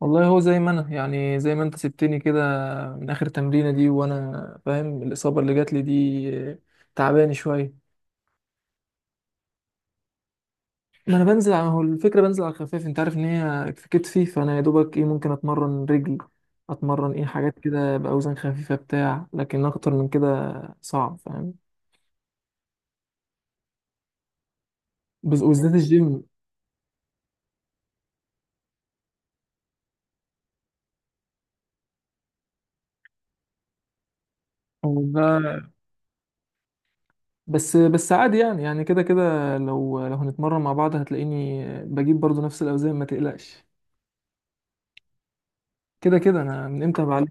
والله هو زي ما انا يعني زي ما انت سبتني كده. من اخر تمرينه دي وانا فاهم الاصابه اللي جات لي دي، تعباني شويه. ما انا بنزل على، هو الفكره بنزل على الخفيف، انت عارف ان هي في كتفي، فانا يا دوبك ايه ممكن اتمرن رجل، اتمرن ايه حاجات كده باوزان خفيفه بتاع، لكن اكتر من كده صعب فاهم. وبالذات الجيم. هو ده. بس بس عادي، يعني كده كده، لو هنتمرن مع بعض هتلاقيني بجيب برضو نفس الاوزان ما تقلقش. كده كده انا من امتى بعلم.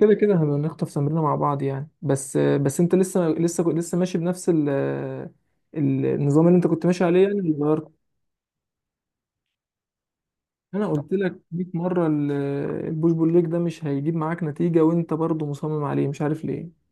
كده كده هنخطف تمرينه مع بعض يعني، بس بس انت لسه ماشي بنفس النظام اللي انت كنت ماشي عليه يعني، اللي غيرته. انا قلت لك 100 مره البوش بول ليج ده مش هيجيب معاك نتيجه، وانت برضه مصمم عليه مش عارف ليه.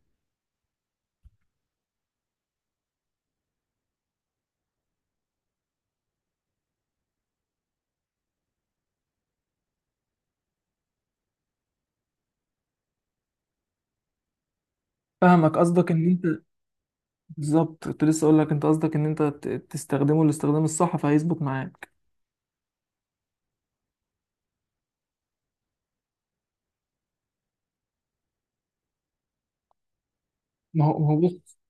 فاهمك، قصدك ان انت. بالظبط، كنت لسه اقول لك، انت قصدك ان انت تستخدمه الاستخدام الصح فهيظبط معاك. ما هو بص.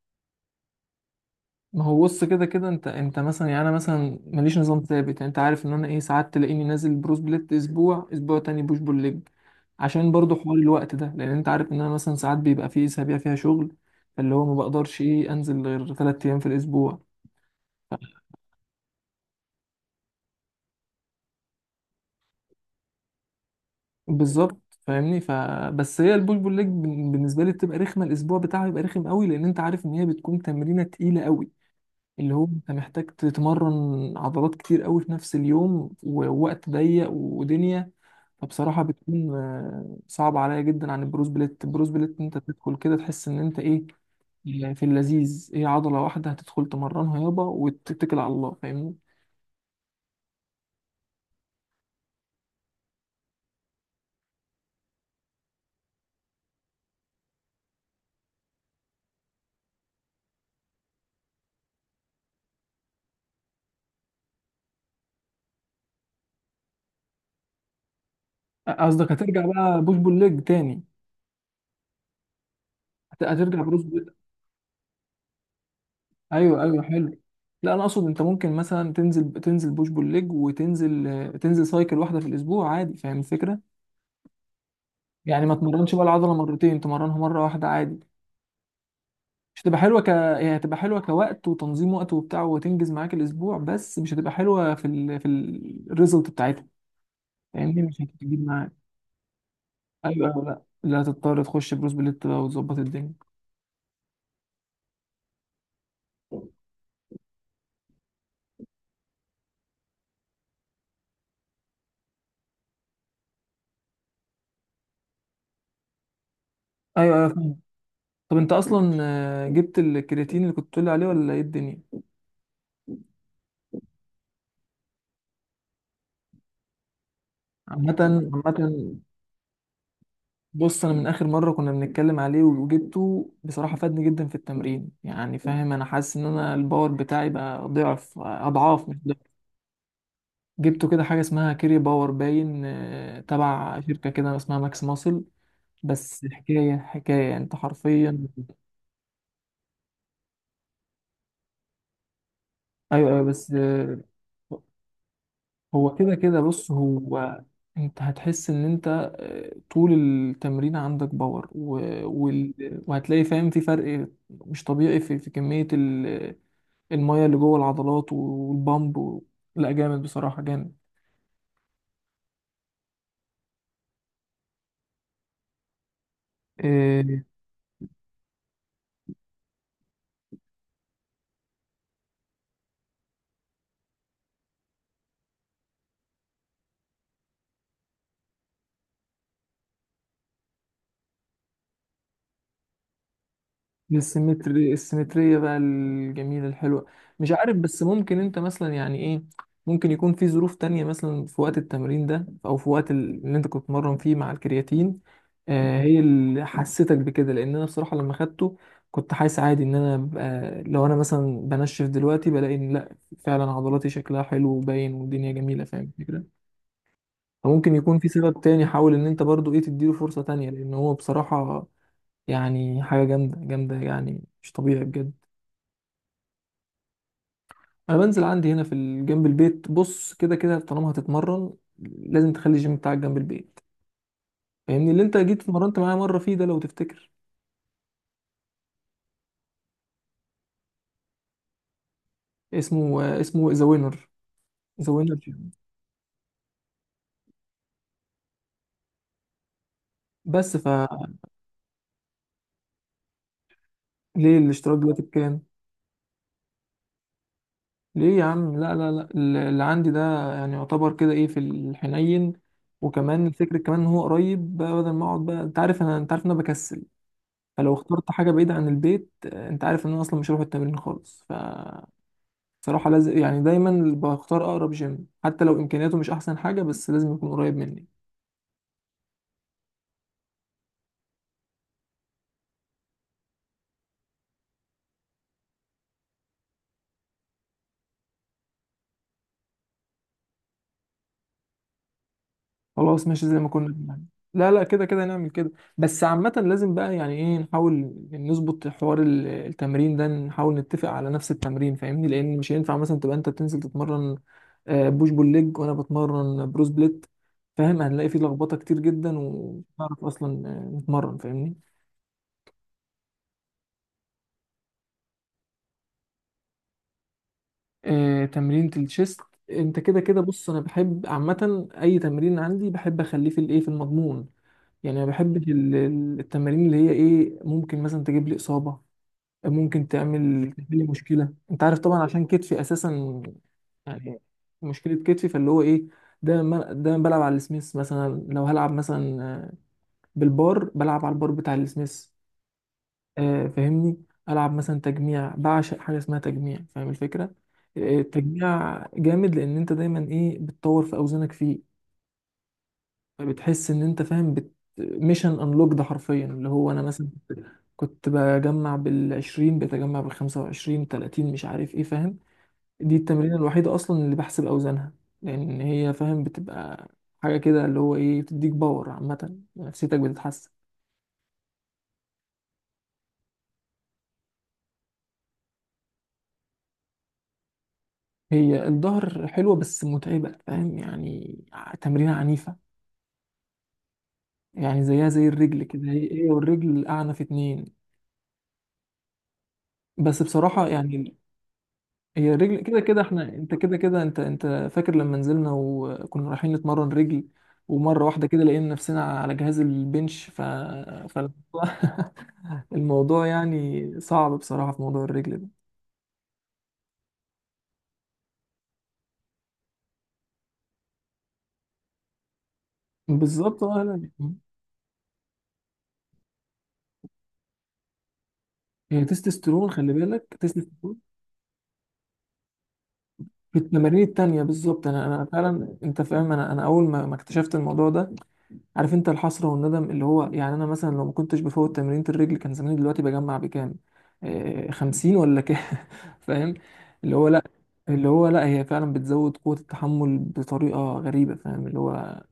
ما هو بص، كده كده انت انت مثلا، يعني انا مثلا ماليش نظام ثابت، يعني انت عارف ان انا ايه، ساعات تلاقيني نازل بروس بليت، اسبوع اسبوع تاني بوش بول ليج. عشان برضو حوار الوقت ده، لان انت عارف ان انا مثلا ساعات بيبقى في اسابيع فيها شغل، فاللي هو ما بقدرش ايه انزل غير 3 ايام في الاسبوع. بالظبط فاهمني، فبس هي البوش بول ليج بالنسبه لي بتبقى رخمه، الاسبوع بتاعها بيبقى رخم قوي لان انت عارف ان هي بتكون تمرينه تقيله قوي، اللي هو انت محتاج تتمرن عضلات كتير قوي في نفس اليوم، ووقت ضيق ودنيا. فبصراحة بتكون، صعبة عليا جدا عن البروز بليت، البروز بليت انت بتدخل كده تحس ان انت ايه، في اللذيذ ايه، عضلة واحدة هتدخل تمرنها يابا وتتكل على الله فاهمني. قصدك هترجع بقى بوش بول ليج تاني؟ هترجع بروز بليت؟ ايوه ايوه حلو. لا انا اقصد، انت ممكن مثلا تنزل بوش بول ليج، وتنزل، تنزل سايكل واحدة في الاسبوع عادي، فاهم الفكرة؟ يعني ما تمرنش بقى العضلة مرتين، تمرنها مرة واحدة عادي. مش هتبقى حلوه هي هتبقى حلوه كوقت، وتنظيم وقت وبتاع، وتنجز معاك الاسبوع، بس مش هتبقى حلوه في الريزلت بتاعتها، فاهمني مش هتجيب معاك. ايوه أيوة، لا لا هتضطر تخش بروس بليت بقى وتظبط الدنيا. ايوه ايوه فاهم. طب انت اصلا، جبت الكرياتين اللي كنت بتقول لي عليه ولا ايه الدنيا؟ عامه، عامه، بص انا من اخر مره كنا بنتكلم عليه وجبته، بصراحه فادني جدا في التمرين، يعني فاهم انا حاسس ان انا الباور بتاعي بقى ضعف اضعاف مش ضعف. جبته كده حاجة اسمها كيري باور باين، تبع شركة كده اسمها ماكس ماسل. بس حكاية حكاية يعني، انت حرفيا. ايوه ايوه بس هو كده كده بص هو. انت هتحس ان انت، طول التمرين عندك باور و. وال. وهتلاقي فاهم في فرق مش طبيعي في كمية ال. المية اللي جوه العضلات والبامب و. لا جامد بصراحة جامد. آه، السيمتري السيمترية بقى الجميلة الحلوة. مش عارف، بس ممكن انت مثلا يعني ايه، ممكن يكون في ظروف تانية مثلا في وقت التمرين ده، او في وقت اللي انت كنت بتتمرن فيه مع الكرياتين. آه هي اللي حسيتك بكده، لان انا بصراحة لما خدته كنت حاسس عادي ان انا ببقى، لو انا مثلا بنشف دلوقتي بلاقي ان لا، فعلا عضلاتي شكلها حلو وباين والدنيا جميلة فاهم الفكرة. فممكن يكون في سبب تاني، حاول ان انت برضو ايه تديله فرصة تانية، لان هو بصراحة، يعني حاجة جامدة جامدة، يعني مش طبيعي بجد. أنا بنزل عندي هنا في جنب البيت، بص كده كده طالما هتتمرن لازم تخلي الجيم بتاعك جنب البيت، فاهمني اللي أنت جيت اتمرنت معايا مرة فيه ده لو تفتكر. اسمه ذا وينر، ذا وينر جيم. بس ليه الاشتراك دلوقتي بكام؟ ليه يا عم، لا لا لا اللي عندي ده يعني يعتبر كده ايه في الحنين، وكمان الفكرة كمان ان هو قريب بقى، بدل ما اقعد بقى، انت عارف انا، انت عارف ان انا بكسل، فلو اخترت حاجة بعيدة عن البيت، انت عارف ان انا اصلا مش هروح التمرين خالص فصراحة. لازم يعني دايما بختار اقرب جيم، حتى لو امكانياته مش احسن حاجة، بس لازم يكون قريب مني. خلاص ماشي زي ما كنا بنعمل. لا لا كده كده نعمل كده. بس عامة لازم بقى يعني ايه نحاول نظبط حوار التمرين ده، نحاول نتفق على نفس التمرين فاهمني، لان مش هينفع مثلا تبقى انت بتنزل تتمرن، بوش بول ليج وانا بتمرن بروس بليت، فاهم هنلاقي فيه لخبطة كتير جدا، ومش هنعرف اصلا نتمرن فاهمني. تمرينة الشيست. انت كده كده بص، انا بحب عامة اي تمرين عندي بحب اخليه في الايه في المضمون، يعني ما بحبش التمارين اللي هي ايه ممكن مثلا تجيب لي اصابة، ممكن تعمل لي مشكلة، انت عارف طبعا عشان كتفي اساسا. يعني مشكلة كتفي، فاللي هو ايه، ده دايما دايما بلعب على السميث مثلا، لو هلعب مثلا بالبار، بلعب على البار بتاع السميث. فاهمني، العب مثلا تجميع، بعشق حاجه اسمها تجميع فاهم الفكره. التجميع جامد، لان انت دايما ايه بتطور في اوزانك فيه، فبتحس ان انت فاهم بت. ميشن انلوك ده حرفيا، اللي هو انا مثلا كنت بجمع بال20 بتجمع بال25 30 مش عارف ايه فاهم، دي التمرين الوحيده اصلا اللي بحسب اوزانها، لان هي فاهم بتبقى حاجه كده، اللي هو ايه بتديك باور عامه، نفسيتك بتتحسن. هي الظهر حلوة بس متعبة فاهم يعني، تمرينة عنيفة، يعني زيها زي الرجل كده، هي هي والرجل أعنف اتنين. بس بصراحة يعني. هي الرجل كده كده احنا، انت كده كده انت انت. فاكر لما نزلنا وكنا رايحين نتمرن رجل، ومرة واحدة كده لقينا نفسنا على جهاز البنش ف. فالموضوع الموضوع يعني صعب بصراحة في موضوع الرجل ده. بالظبط اه لا. هي تستوستيرون، خلي بالك تستوستيرون. في التمارين التانية بالظبط، انا فعلا انت فاهم، انا اول ما اكتشفت الموضوع ده. عارف انت الحسرة والندم، اللي هو يعني انا مثلا لو ما كنتش بفوت تمرينة الرجل، كان زماني دلوقتي بجمع بكام، 50 ولا كام فاهم، اللي هو لا. اللي هو لا، هي فعلا بتزود قوة التحمل بطريقة غريبة فاهم، اللي هو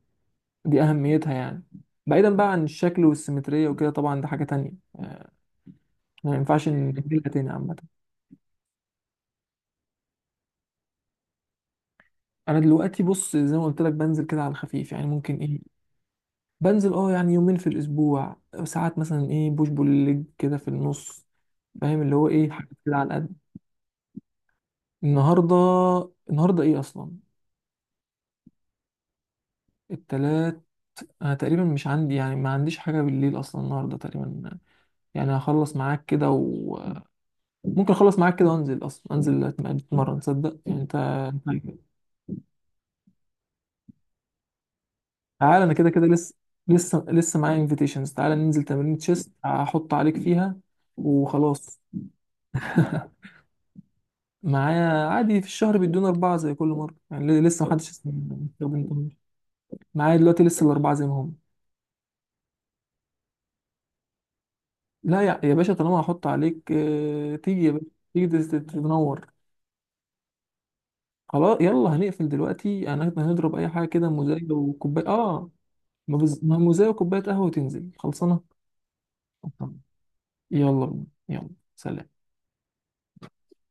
دي أهميتها يعني. بعيدا بقى عن الشكل والسيمترية وكده طبعا ده حاجة تانية، آه، ما ينفعش نجيلها تاني عامة. أنا دلوقتي بص زي ما قلت لك بنزل كده على الخفيف، يعني ممكن إيه، بنزل اه يعني يومين في الاسبوع، ساعات مثلا ايه بوش بول ليج كده في النص، فاهم اللي هو ايه حاجات كده على قد. النهارده. النهارده ايه اصلا؟ التلات. انا تقريبا مش عندي يعني ما عنديش حاجه بالليل اصلا النهارده تقريبا، يعني هخلص معاك كده وممكن اخلص معاك كده وانزل، اصلا انزل اتمرن، تصدق يعني انت. تعال انا كده كده لسه معايا انفيتيشنز، تعال ننزل تمرين تشيست هحط عليك فيها وخلاص. معايا عادي في الشهر بيدونا أربعة زي كل مرة يعني، لسه طب محدش استخدمتهم. معايا دلوقتي لسه الأربعة زي ما هم. لا يا باشا، طالما هحط عليك تيجي يا باشا، تيجي تتنور. خلاص يلا هنقفل دلوقتي، أنا هنضرب أي حاجة كده موزاية وكوباية آه. ما موزاية وكوباية قهوة، وتنزل خلصانة. يلا بينا. يلا سلام.